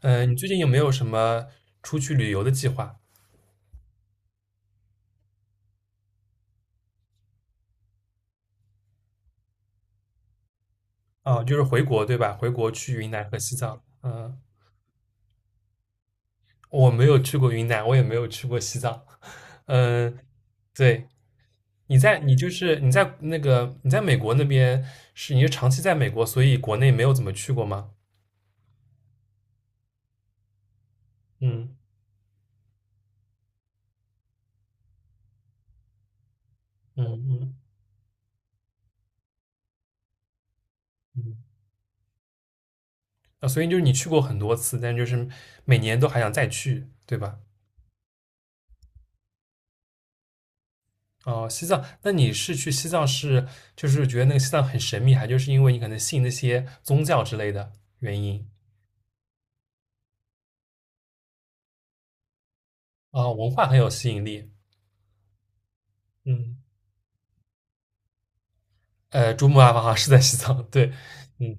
你最近有没有什么出去旅游的计划？就是回国对吧？回国去云南和西藏。嗯、我没有去过云南，我也没有去过西藏。嗯、对，你在你就是你在那个你在美国那边是你是长期在美国，所以国内没有怎么去过吗？嗯嗯嗯嗯。啊，所以就是你去过很多次，但就是每年都还想再去，对吧？哦，西藏，那你去西藏就是觉得那个西藏很神秘，还就是因为你可能信那些宗教之类的原因啊，哦文化很有吸引力。嗯，珠穆朗玛峰好像是在西藏，对，嗯，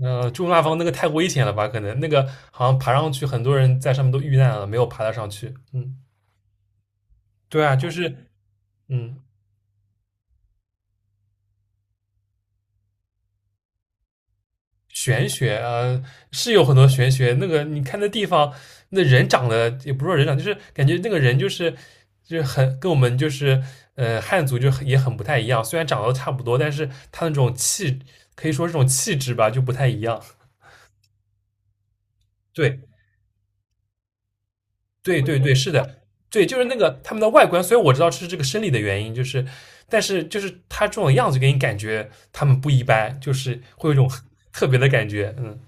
珠穆朗玛峰那个太危险了吧？可能那个好像爬上去，很多人在上面都遇难了，没有爬得上去。嗯，对啊，就是嗯。玄学啊，是有很多玄学。那个你看那地方，那人长得也不是说人长，就是感觉那个人很跟我们就是汉族就很也很不太一样。虽然长得都差不多，但是他那种气可以说这种气质吧就不太一样。对对对对，是的，对，就是那个他们的外观。虽然我知道是这个生理的原因，就是但是就是他这种样子给你感觉他们不一般，就是会有一种 特别的感觉。嗯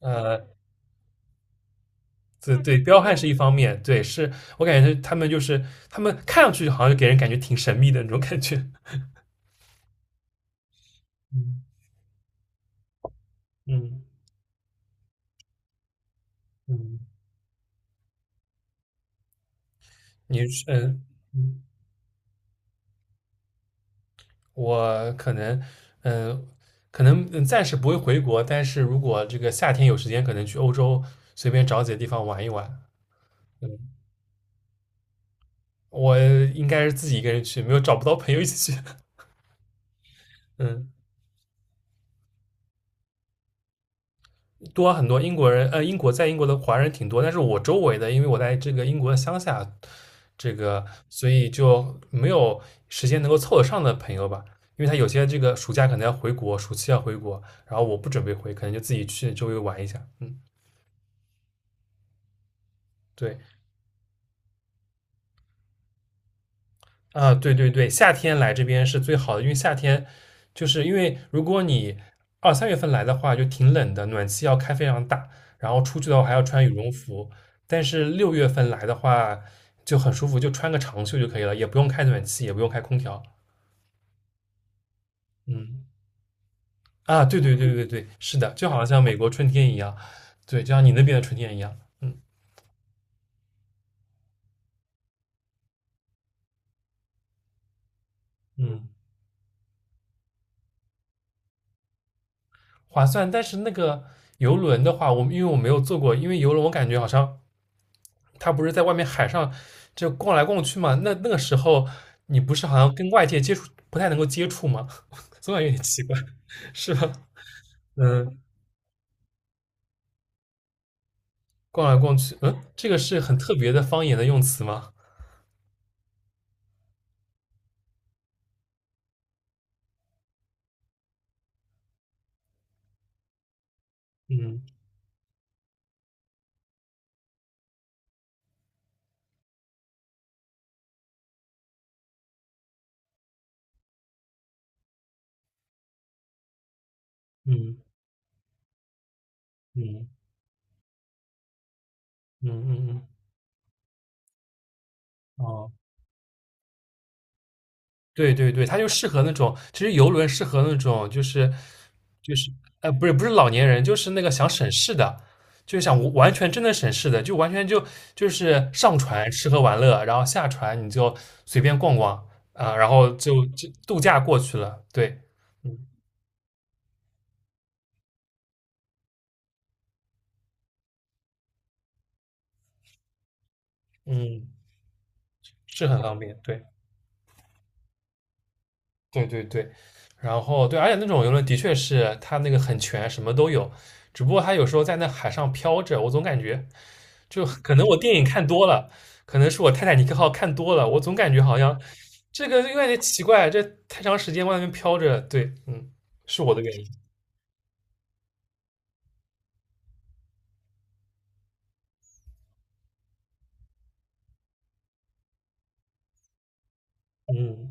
呃，对对，彪悍是一方面，对，是我感觉他们就是他们看上去好像就给人感觉挺神秘的那种感觉。嗯嗯嗯，你是嗯，嗯我可能嗯呃可能暂时不会回国，但是如果这个夏天有时间，可能去欧洲随便找几个地方玩一玩。嗯，我应该是自己一个人去，没有找不到朋友一起去。嗯。多很多英国人，英国在英国的华人挺多，但是我周围的，因为我在这个英国的乡下，这个所以就没有时间能够凑得上的朋友吧。因为他有些这个暑假可能要回国，暑期要回国，然后我不准备回，可能就自己去周围玩一下。嗯，对。啊，对对对，夏天来这边是最好的，因为夏天就是因为如果你二三月份来的话，就挺冷的，暖气要开非常大，然后出去的话还要穿羽绒服。但是六月份来的话就很舒服，就穿个长袖就可以了，也不用开暖气，也不用开空调。嗯，啊，对对对对对，是的，就好像美国春天一样，对，就像你那边的春天一样。嗯嗯，划算。但是那个游轮的话，我因为我没有坐过，因为游轮我感觉好像。他不是在外面海上就逛来逛去嘛？那那个时候你不是好像跟外界接触不太能够接触吗？总感觉有点奇怪，是吧？嗯，逛来逛去，嗯，这个是很特别的方言的用词吗？嗯嗯嗯嗯嗯嗯，哦。对对对，它就适合那种，其实游轮适合那种就是就是，不是不是老年人，就是那个想省事的，就是想完全真的省事的，就完全就就是上船吃喝玩乐，然后下船你就随便逛逛啊，然后就就度假过去了。对，嗯嗯，是很方便，对。对对对，然后对，而且那种游轮的确是它那个很全，什么都有，只不过它有时候在那海上飘着，我总感觉就可能我电影看多了，可能是我《泰坦尼克号》看多了，我总感觉好像这个有点奇怪，这太长时间外面飘着，对，嗯，是我的原因，嗯。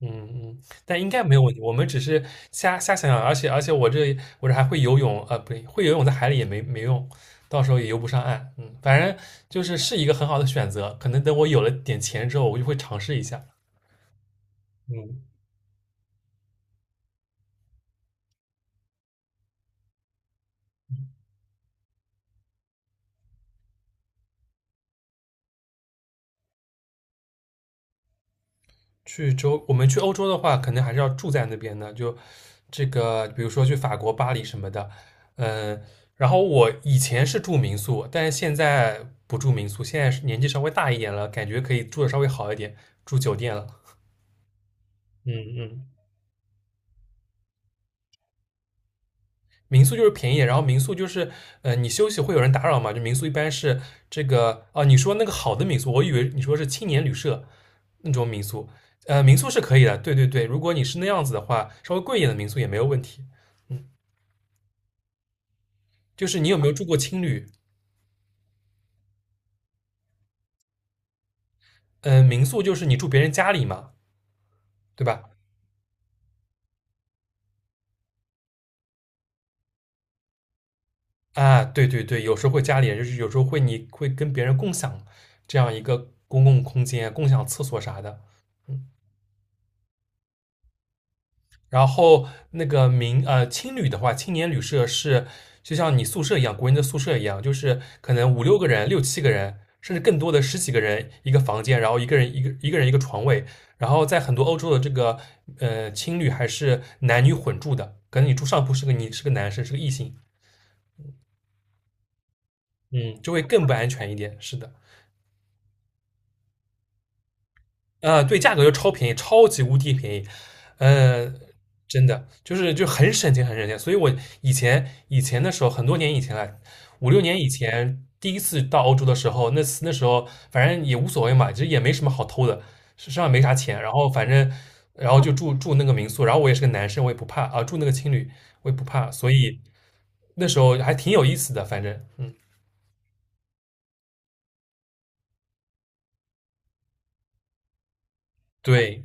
嗯嗯，但应该没有问题。我们只是瞎想想，而且我这还会游泳，啊，不对，会游泳在海里也没没用，到时候也游不上岸。嗯，反正就是是一个很好的选择。可能等我有了点钱之后，我就会尝试一下。嗯，我们去欧洲的话，可能还是要住在那边的。就这个，比如说去法国巴黎什么的。嗯，然后我以前是住民宿，但是现在不住民宿，现在是年纪稍微大一点了，感觉可以住的稍微好一点，住酒店了。嗯嗯。民宿就是便宜，然后民宿就是，你休息会有人打扰嘛？就民宿一般是这个啊，你说那个好的民宿，我以为你说是青年旅社那种民宿，民宿是可以的，对对对，如果你是那样子的话，稍微贵一点的民宿也没有问题。就是你有没有住过青旅？民宿就是你住别人家里嘛，对吧？啊，对对对，有时候会家里人，就是有时候会你会跟别人共享这样一个公共空间、共享厕所啥的，嗯。然后那个青旅的话，青年旅社是就像你宿舍一样，国内的宿舍一样，就是可能五六个人、六七个人，甚至更多的十几个人一个房间，然后一个人一个人一个床位。然后在很多欧洲的这个青旅还是男女混住的，可能你住上铺是个你是个男生是个异性，嗯，就会更不安全一点。是的，啊，对，价格就超便宜，超级无敌便宜，呃，真的就是就很省钱，很省钱。所以我以前的时候，很多年以前了，五六年以前第一次到欧洲的时候，那时候反正也无所谓嘛，其实也没什么好偷的，身上也没啥钱，然后反正然后就住那个民宿，然后我也是个男生，我也不怕啊，住那个青旅我也不怕，所以那时候还挺有意思的，反正嗯，对。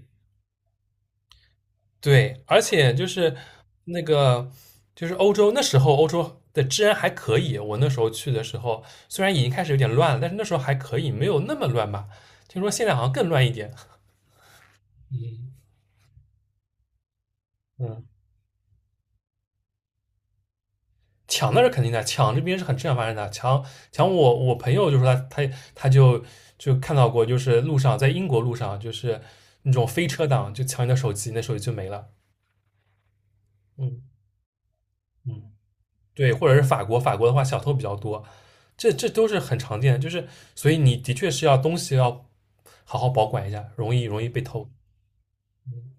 对，而且就是那个，就是欧洲那时候欧洲的治安还可以。我那时候去的时候，虽然已经开始有点乱了，但是那时候还可以，没有那么乱吧。听说现在好像更乱一点。嗯嗯，抢那是肯定的，抢这边是很正常发生的。抢我朋友就说他就看到过，就是路上在英国路上就是那种飞车党就抢你的手机，那手机就没了。嗯嗯。对，或者是法国，法国的话小偷比较多，这这都是很常见的，就是所以你的确是要东西要好好保管一下，容易被偷。嗯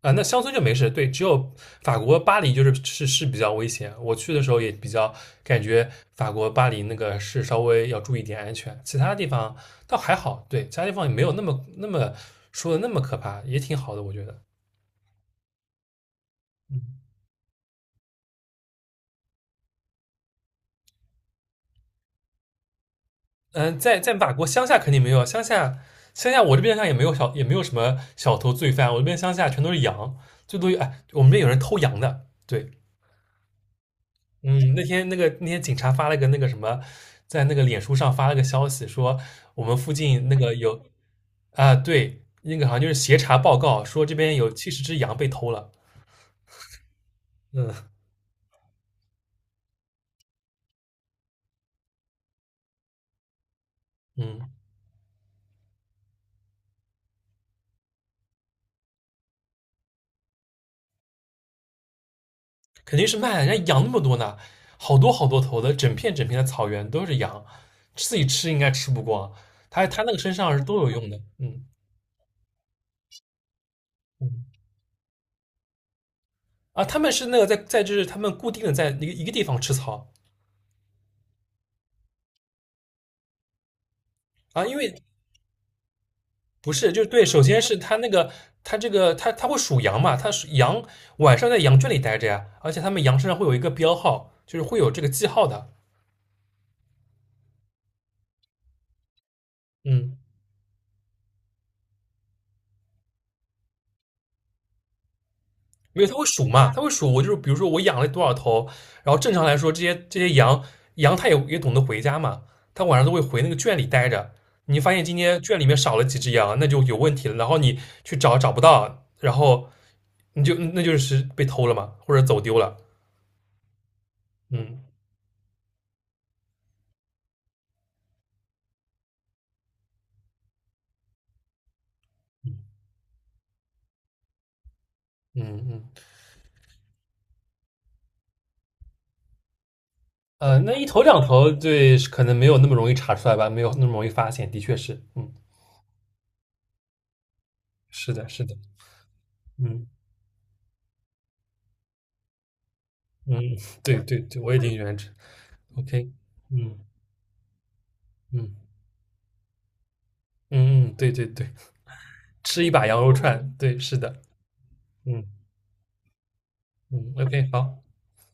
啊，那乡村就没事，对，只有法国巴黎就是是是比较危险。我去的时候也比较感觉法国巴黎那个是稍微要注意点安全，其他地方倒还好，对，其他地方也没有那么那么说的那么可怕，也挺好的，我觉得。嗯嗯，在法国乡下肯定没有，乡下我这边上也没有小也没有什么小偷罪犯，我这边乡下全都是羊，最多哎，我们这边有人偷羊的，对，嗯，那天那个那天警察发了个那个什么，在那个脸书上发了个消息说我们附近那个有啊，对，那个好像就是协查报告说这边有70只羊被偷了，嗯嗯。肯定是卖啊，人家羊那么多呢，好多好多头的，整片整片的草原都是羊，自己吃应该吃不光。它那个身上是都有用的，嗯嗯啊，他们是那个在就是他们固定的在一个一个地方吃草啊，因为不是就是对，首先是它那个它会数羊嘛，它是羊晚上在羊圈里待着呀，而且他们羊身上会有一个标号，就是会有这个记号的，嗯没有，它会数嘛，它会数。我就是比如说我养了多少头，然后正常来说，这些羊它也也懂得回家嘛，它晚上都会回那个圈里待着。你发现今天圈里面少了几只羊，那就有问题了。然后你去找找不到，然后你就那就是被偷了嘛，或者走丢了。嗯嗯嗯，那一头两头对，可能没有那么容易查出来吧，没有那么容易发现，的确是，嗯，是的，是的，嗯嗯，对对对，我也挺喜欢吃。OK，嗯嗯嗯嗯，对对对。吃一把羊肉串，对，是的，嗯嗯，OK，好。